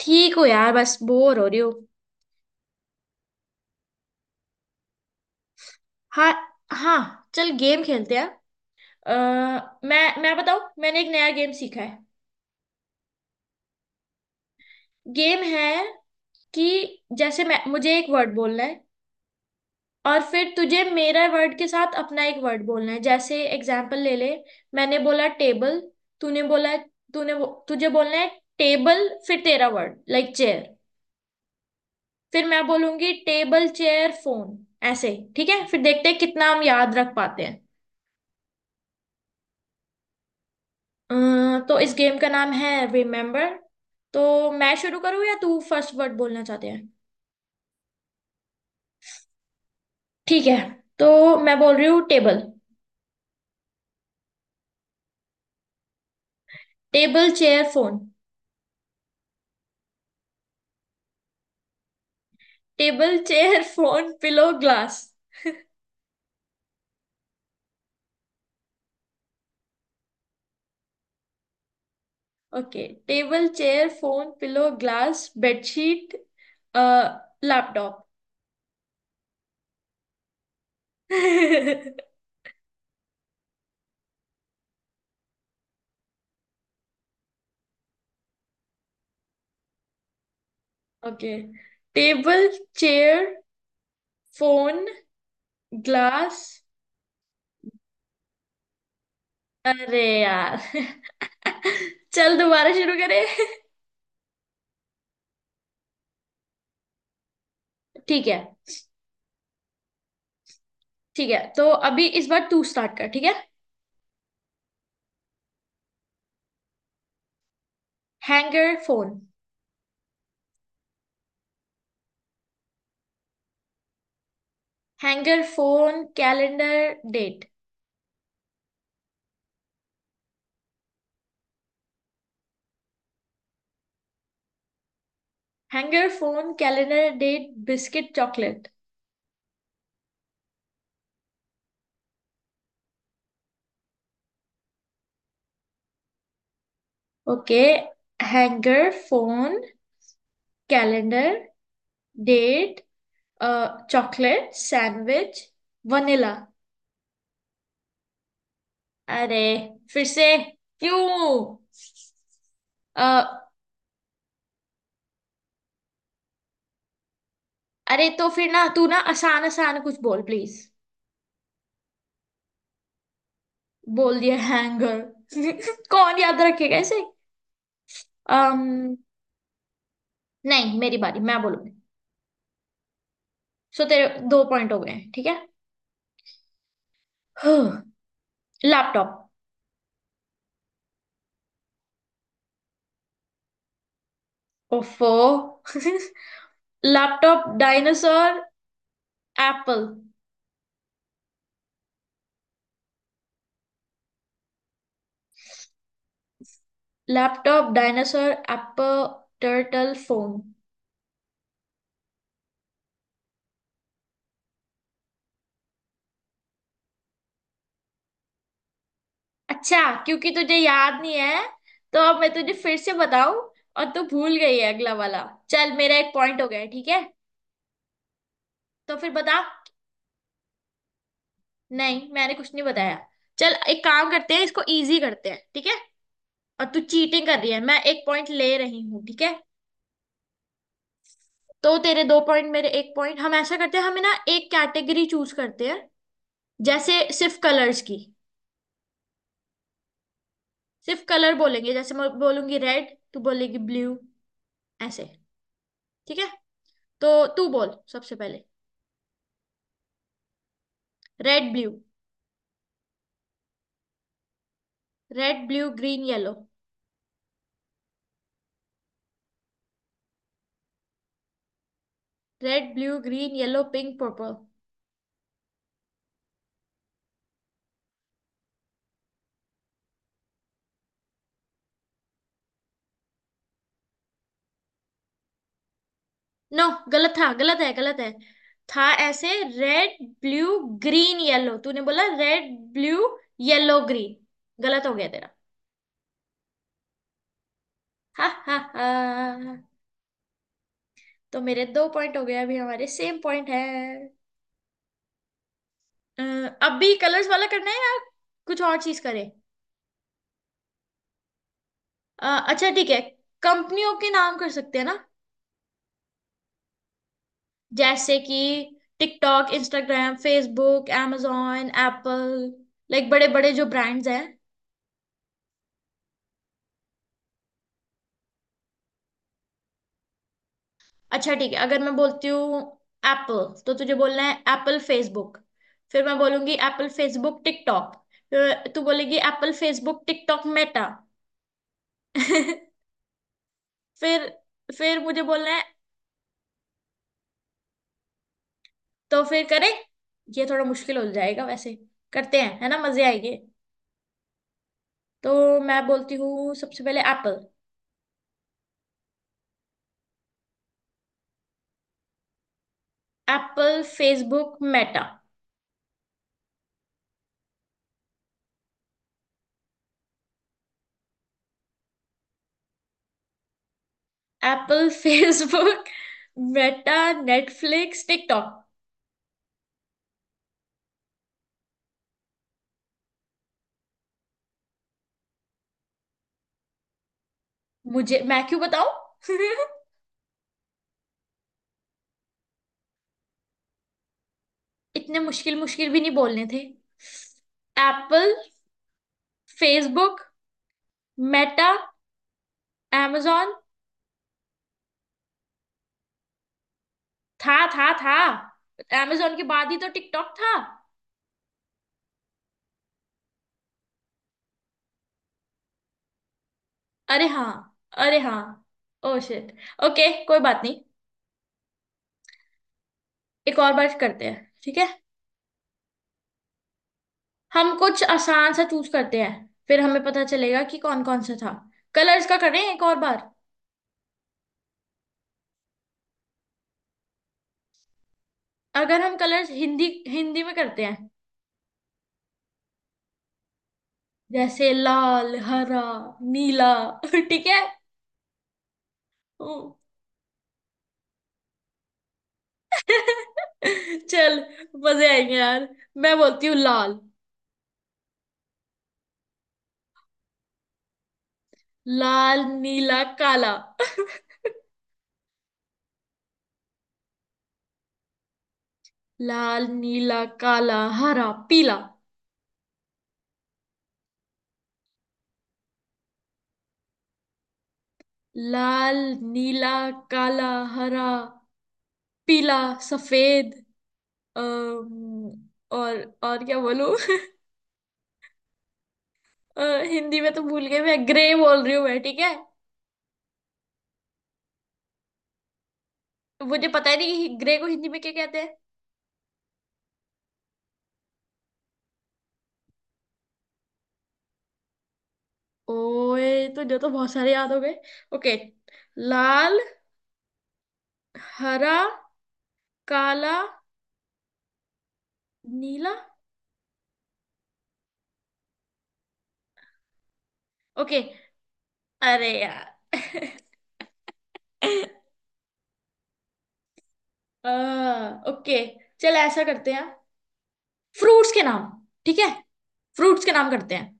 ठीक हो यार। बस बोर हो रही हो। हाँ। हाँ चल गेम खेलते हैं। मैं बताऊँ, मैंने एक नया गेम सीखा है। गेम है कि जैसे मैं मुझे एक वर्ड बोलना है और फिर तुझे मेरा वर्ड के साथ अपना एक वर्ड बोलना है। जैसे एग्जाम्पल ले ले, मैंने बोला टेबल, तूने बोला, तुझे बोलना है टेबल, फिर तेरा वर्ड लाइक चेयर। फिर मैं बोलूंगी टेबल चेयर फोन। ऐसे। ठीक है, फिर देखते हैं कितना हम याद रख पाते हैं। अ, तो इस गेम का नाम है रिमेम्बर। तो मैं शुरू करूँ या तू फर्स्ट वर्ड बोलना चाहते हैं। ठीक है, तो मैं बोल रही हूँ table. Table chair phone. Table chair phone pillow glass. Okay table chair phone pillow glass bedsheet laptop. Okay table chair phone glass. अरे यार। चल दोबारा शुरू करें। ठीक है। ठीक है तो अभी इस बार तू स्टार्ट कर, ठीक है। Hanger phone. Hanger phone calendar date. Hanger phone calendar date biscuit chocolate. Okay hanger phone calendar date chocolate sandwich vanilla. अरे फिर से क्यों। अ, अरे तो फिर ना तू ना आसान आसान कुछ बोल प्लीज। बोल दिया हैंगर। कौन याद रखेगा ऐसे। um, नहीं मेरी बारी, मैं बोलूंगी। सो तेरे दो पॉइंट हो गए हैं, ठीक है। लैपटॉप। ओफो। Laptop dinosaur apple. Laptop dinosaur apple turtle phone. अच्छा, क्योंकि तुझे याद नहीं है तो अब मैं तुझे फिर से बताऊं और तू भूल गई है अगला वाला। चल मेरा एक पॉइंट हो गया है, ठीक है। तो फिर बता। नहीं मैंने कुछ नहीं बताया। चल एक काम करते हैं, इसको इजी करते हैं, ठीक है। और तू चीटिंग कर रही है, मैं एक पॉइंट ले रही हूँ, ठीक है। तो तेरे दो पॉइंट मेरे एक पॉइंट। हम ऐसा करते हैं, हमें ना एक कैटेगरी चूज करते हैं। जैसे सिर्फ कलर्स की। सिर्फ कलर बोलेंगे, जैसे मैं बोलूंगी रेड तू बोलेगी ब्लू। ऐसे। ठीक है। तो तू बोल सबसे पहले। Red blue. Red blue green yellow. Red blue green yellow pink purple. No. गलत था, गलत है, गलत है। था ऐसे, रेड ब्लू ग्रीन येलो, तूने बोला रेड ब्लू येलो ग्रीन। गलत हो गया तेरा। हा हा हा। तो मेरे दो पॉइंट हो गए, अभी हमारे सेम पॉइंट है। अ, अब भी कलर्स वाला करना है या कुछ और चीज करें। अच्छा ठीक है, कंपनियों के नाम कर सकते हैं ना। जैसे कि TikTok Instagram Facebook amazon Apple. Like बड़े बड़े जो ब्रांड्स हैं। अच्छा ठीक है, अगर मैं बोलती हूँ एप्पल तो तुझे बोलना है एप्पल फेसबुक। फिर मैं बोलूंगी एप्पल फेसबुक टिकटॉक। फिर तू बोलेगी एप्पल फेसबुक टिकटॉक मेटा। फिर फिर मुझे बोलना है। तो फिर करें, ये थोड़ा मुश्किल हो जाएगा वैसे। करते हैं है ना, मजे आएंगे। तो मैं बोलती हूँ सबसे पहले Apple. Apple Facebook Meta. Apple Facebook Meta Netflix TikTok. मुझे, मैं क्यों बताऊं। इतने मुश्किल मुश्किल भी नहीं बोलने थे। Apple Facebook Meta amazon। था था, amazon के बाद ही तो टिकटॉक था। अरे हाँ। अरे हाँ। Oh shit. ओके कोई बात नहीं। एक और बार करते हैं, ठीक है। हम कुछ आसान सा चूज करते हैं, फिर हमें पता चलेगा कि कौन कौन सा था। कलर्स का करें एक और बार। अगर हम कलर्स हिंदी हिंदी में करते हैं, जैसे लाल हरा नीला। ठीक है। चल मजे आएंगे यार। मैं बोलती हूँ लाल। लाल नीला काला। लाल नीला काला हरा पीला। लाल नीला काला हरा पीला सफेद। अम्म, और क्या बोलूं। अ, हिंदी में तो भूल गई, मैं ग्रे बोल रही हूँ मैं ठीक है। मुझे पता ही नहीं कि ग्रे को हिंदी में क्या कहते हैं। ओए तो जो तो बहुत सारे याद हो गए। ओके लाल हरा काला नीला। ओके अरे यार। अ, ओके चल ऐसा करते हैं, फ्रूट्स के नाम, ठीक है। फ्रूट्स के नाम करते हैं।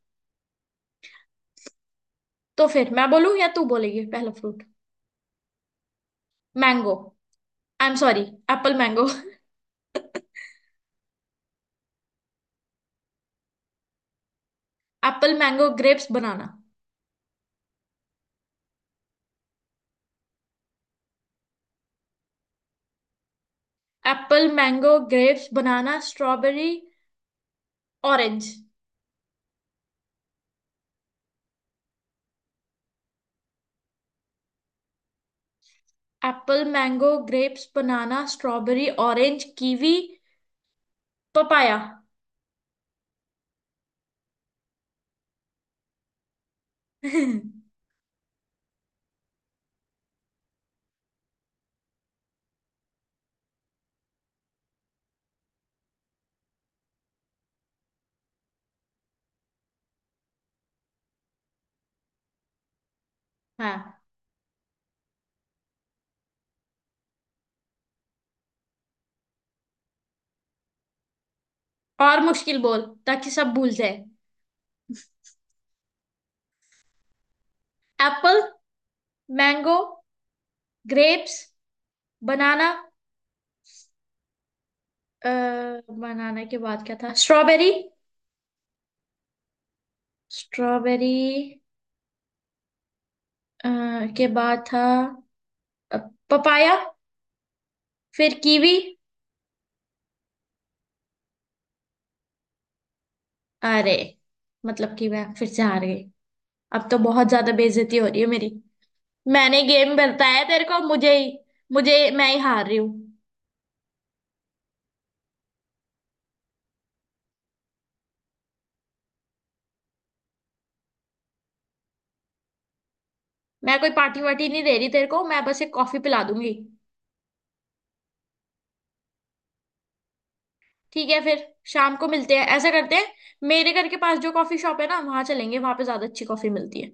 तो फिर मैं बोलूं या तू बोलेगी पहला fruit. Mango. I am sorry, apple mango. Apple mango grapes banana. Apple mango grapes banana strawberry orange. Apple mango grapes banana strawberry orange kiwi papaya. हाँ। और मुश्किल बोल ताकि सब भूल जाए। Apple mango grapes banana. Banana के बाद क्या था, स्ट्रॉबेरी। स्ट्रॉबेरी के बाद था पपाया, फिर कीवी। अरे, मतलब कि मैं फिर से हार गई। अब तो बहुत ज्यादा बेइज्जती हो रही है मेरी। मैंने गेम बताया तेरे को, मुझे ही मुझे मैं ही हार रही हूँ। मैं कोई पार्टी वार्टी नहीं दे रही तेरे को, मैं बस एक कॉफी पिला दूंगी। ठीक है फिर, शाम को मिलते हैं, ऐसा करते हैं। मेरे घर के पास जो कॉफी शॉप है ना, वहां चलेंगे, वहां पे ज्यादा अच्छी कॉफी मिलती है।